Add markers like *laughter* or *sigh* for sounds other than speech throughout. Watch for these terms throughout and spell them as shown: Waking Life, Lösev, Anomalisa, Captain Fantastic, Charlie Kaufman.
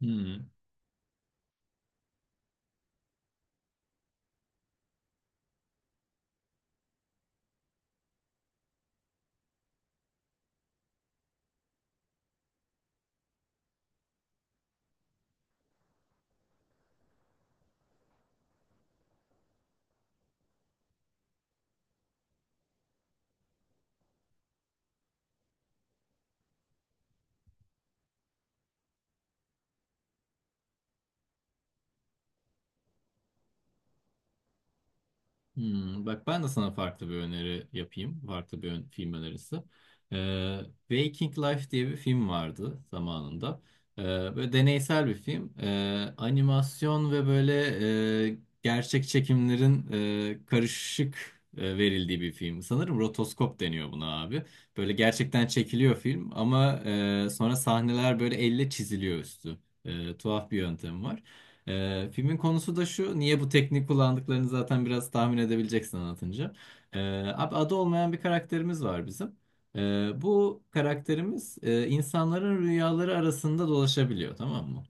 Hmm, hmm. Bak ben de sana farklı bir öneri yapayım. Farklı bir film önerisi. Ee, Waking Life diye bir film vardı zamanında. Ee, Böyle deneysel bir film. Animasyon ve böyle gerçek çekimlerin karışık verildiği bir film. Sanırım rotoskop deniyor buna abi. Böyle gerçekten çekiliyor film ama sonra sahneler böyle elle çiziliyor üstü. Tuhaf bir yöntem var. Filmin konusu da şu. Niye bu teknik kullandıklarını zaten biraz tahmin edebileceksin anlatınca. Ee, Abi adı olmayan bir karakterimiz var bizim. Bu karakterimiz insanların rüyaları arasında dolaşabiliyor, tamam mı?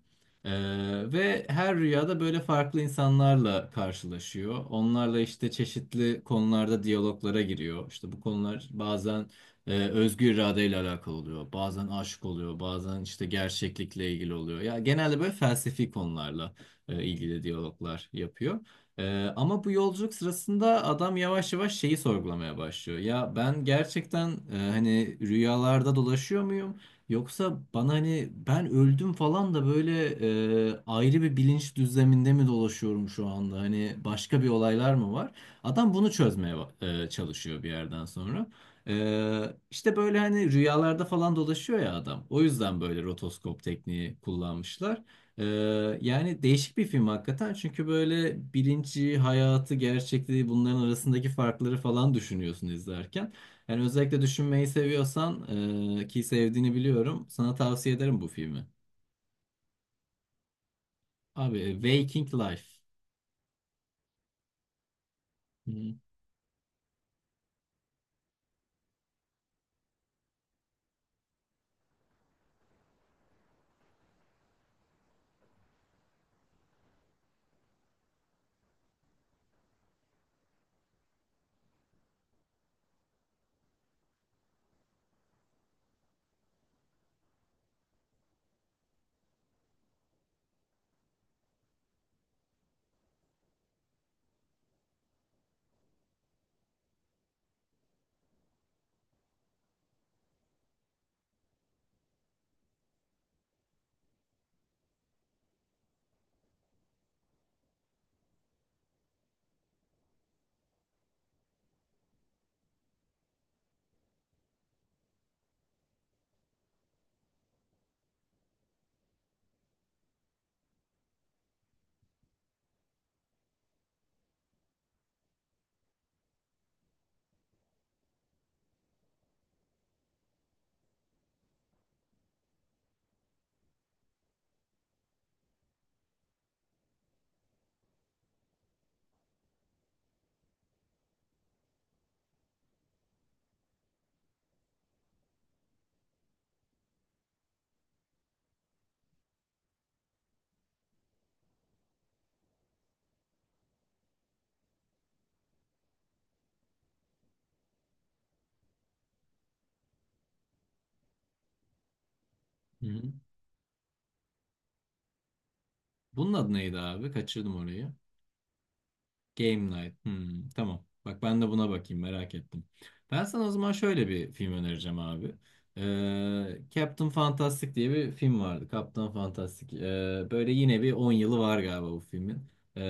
Ve her rüyada böyle farklı insanlarla karşılaşıyor. Onlarla işte çeşitli konularda diyaloglara giriyor. İşte bu konular bazen özgür iradeyle alakalı oluyor. Bazen aşık oluyor. Bazen işte gerçeklikle ilgili oluyor. Ya genelde böyle felsefi konularla ilgili diyaloglar yapıyor. Ama bu yolculuk sırasında adam yavaş yavaş şeyi sorgulamaya başlıyor. Ya ben gerçekten hani rüyalarda dolaşıyor muyum? Yoksa bana hani ben öldüm falan da böyle ayrı bir bilinç düzleminde mi dolaşıyorum şu anda? Hani başka bir olaylar mı var? Adam bunu çözmeye çalışıyor bir yerden sonra. İşte böyle hani rüyalarda falan dolaşıyor ya adam. O yüzden böyle rotoskop tekniği kullanmışlar. Ee, Yani değişik bir film hakikaten çünkü böyle bilinci, hayatı, gerçekliği bunların arasındaki farkları falan düşünüyorsun izlerken. Yani özellikle düşünmeyi seviyorsan ki sevdiğini biliyorum, sana tavsiye ederim bu filmi. Abi Waking Life. Hı hı. Bunun adı neydi abi? Kaçırdım orayı. Game Night. Hmm, tamam. Bak ben de buna bakayım, merak ettim. Ben sana o zaman şöyle bir film önereceğim abi. Captain Fantastic diye bir film vardı. Captain Fantastic. Böyle yine bir 10 yılı var galiba bu filmin.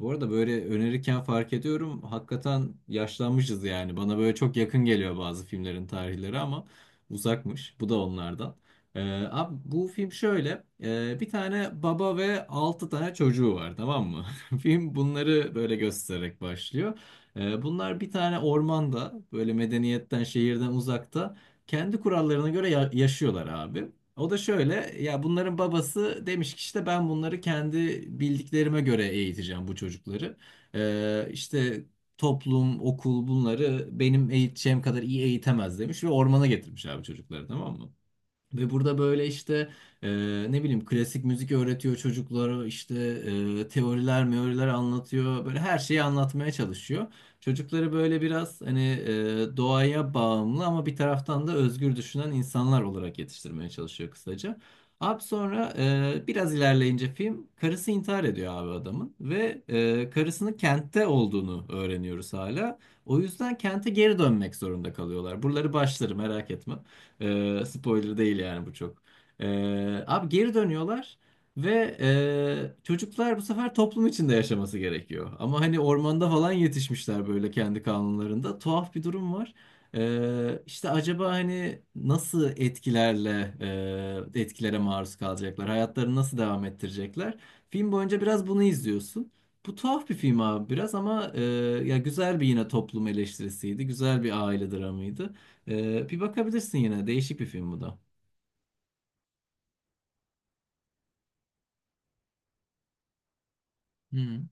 Bu arada böyle önerirken fark ediyorum. Hakikaten yaşlanmışız yani. Bana böyle çok yakın geliyor bazı filmlerin tarihleri ama uzakmış. Bu da onlardan. Ee, Abi bu film şöyle. Bir tane baba ve 6 tane çocuğu var, tamam mı? *laughs* Film bunları böyle göstererek başlıyor. Bunlar bir tane ormanda böyle medeniyetten şehirden uzakta kendi kurallarına göre yaşıyorlar abi. O da şöyle, ya bunların babası demiş ki işte ben bunları kendi bildiklerime göre eğiteceğim bu çocukları. İşte toplum, okul bunları benim eğiteceğim kadar iyi eğitemez demiş ve ormana getirmiş abi çocukları, tamam mı? Ve burada böyle işte e, ne bileyim klasik müzik öğretiyor çocuklara, işte teoriler meoriler anlatıyor, böyle her şeyi anlatmaya çalışıyor. Çocukları böyle biraz hani doğaya bağımlı ama bir taraftan da özgür düşünen insanlar olarak yetiştirmeye çalışıyor kısaca. Abi sonra biraz ilerleyince film karısı intihar ediyor abi adamın ve karısının kentte olduğunu öğreniyoruz hala. O yüzden kente geri dönmek zorunda kalıyorlar. Buraları başları merak etme. Spoiler değil yani bu çok. Abi geri dönüyorlar ve çocuklar bu sefer toplum içinde yaşaması gerekiyor. Ama hani ormanda falan yetişmişler böyle kendi kanunlarında. Tuhaf bir durum var. İşte acaba hani nasıl etkilerle etkilere maruz kalacaklar? Hayatlarını nasıl devam ettirecekler? Film boyunca biraz bunu izliyorsun. Bu tuhaf bir film abi biraz ama ya güzel bir yine toplum eleştirisiydi. Güzel bir aile dramıydı. Bir bakabilirsin yine. Değişik bir film bu da. Hı.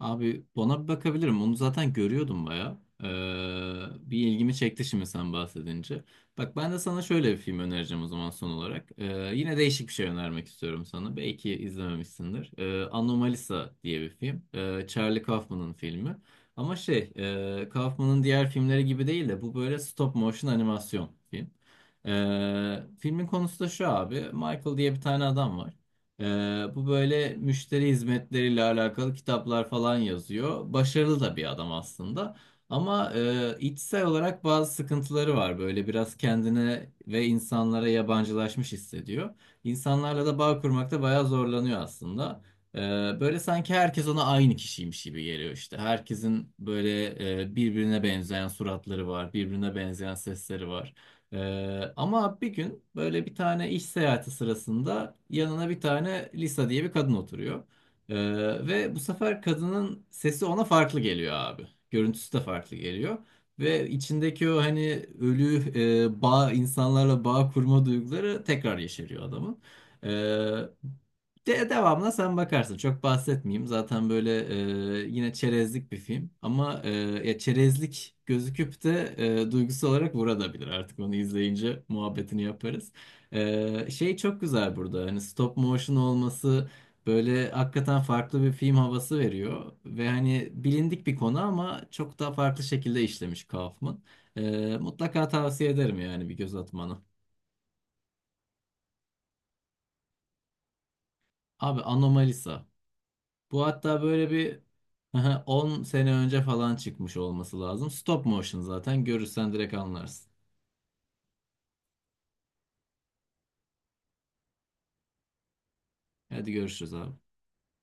Abi ona bir bakabilirim. Onu zaten görüyordum baya. Bir ilgimi çekti şimdi sen bahsedince. Bak ben de sana şöyle bir film önereceğim o zaman son olarak. Yine değişik bir şey önermek istiyorum sana. Belki izlememişsindir. Anomalisa diye bir film. Charlie Kaufman'ın filmi. Ama şey, Kaufman'ın diğer filmleri gibi değil de bu böyle stop motion animasyon film. Filmin konusu da şu abi. Michael diye bir tane adam var. Bu böyle müşteri hizmetleriyle alakalı kitaplar falan yazıyor. Başarılı da bir adam aslında. Ama içsel olarak bazı sıkıntıları var. Böyle biraz kendine ve insanlara yabancılaşmış hissediyor. İnsanlarla da bağ kurmakta bayağı zorlanıyor aslında. Ee, Böyle sanki herkes ona aynı kişiymiş gibi geliyor işte. Herkesin böyle birbirine benzeyen suratları var, birbirine benzeyen sesleri var. Ama bir gün böyle bir tane iş seyahati sırasında yanına bir tane Lisa diye bir kadın oturuyor. Ee, Ve bu sefer kadının sesi ona farklı geliyor abi. Görüntüsü de farklı geliyor. Ve içindeki o hani ölü bağ, insanlarla bağ kurma duyguları tekrar yeşeriyor adamın. Devamına sen bakarsın. Çok bahsetmeyeyim. Zaten böyle yine çerezlik bir film. Ama ya çerezlik gözüküp de duygusal olarak vurabilir. Artık onu izleyince muhabbetini yaparız. Şey çok güzel burada. Hani stop motion olması böyle hakikaten farklı bir film havası veriyor. Ve hani bilindik bir konu ama çok daha farklı şekilde işlemiş Kaufman. Mutlaka tavsiye ederim yani bir göz atmanı. Abi Anomalisa. Bu hatta böyle bir *laughs* 10 sene önce falan çıkmış olması lazım. Stop motion zaten görürsen direkt anlarsın. Hadi görüşürüz abi.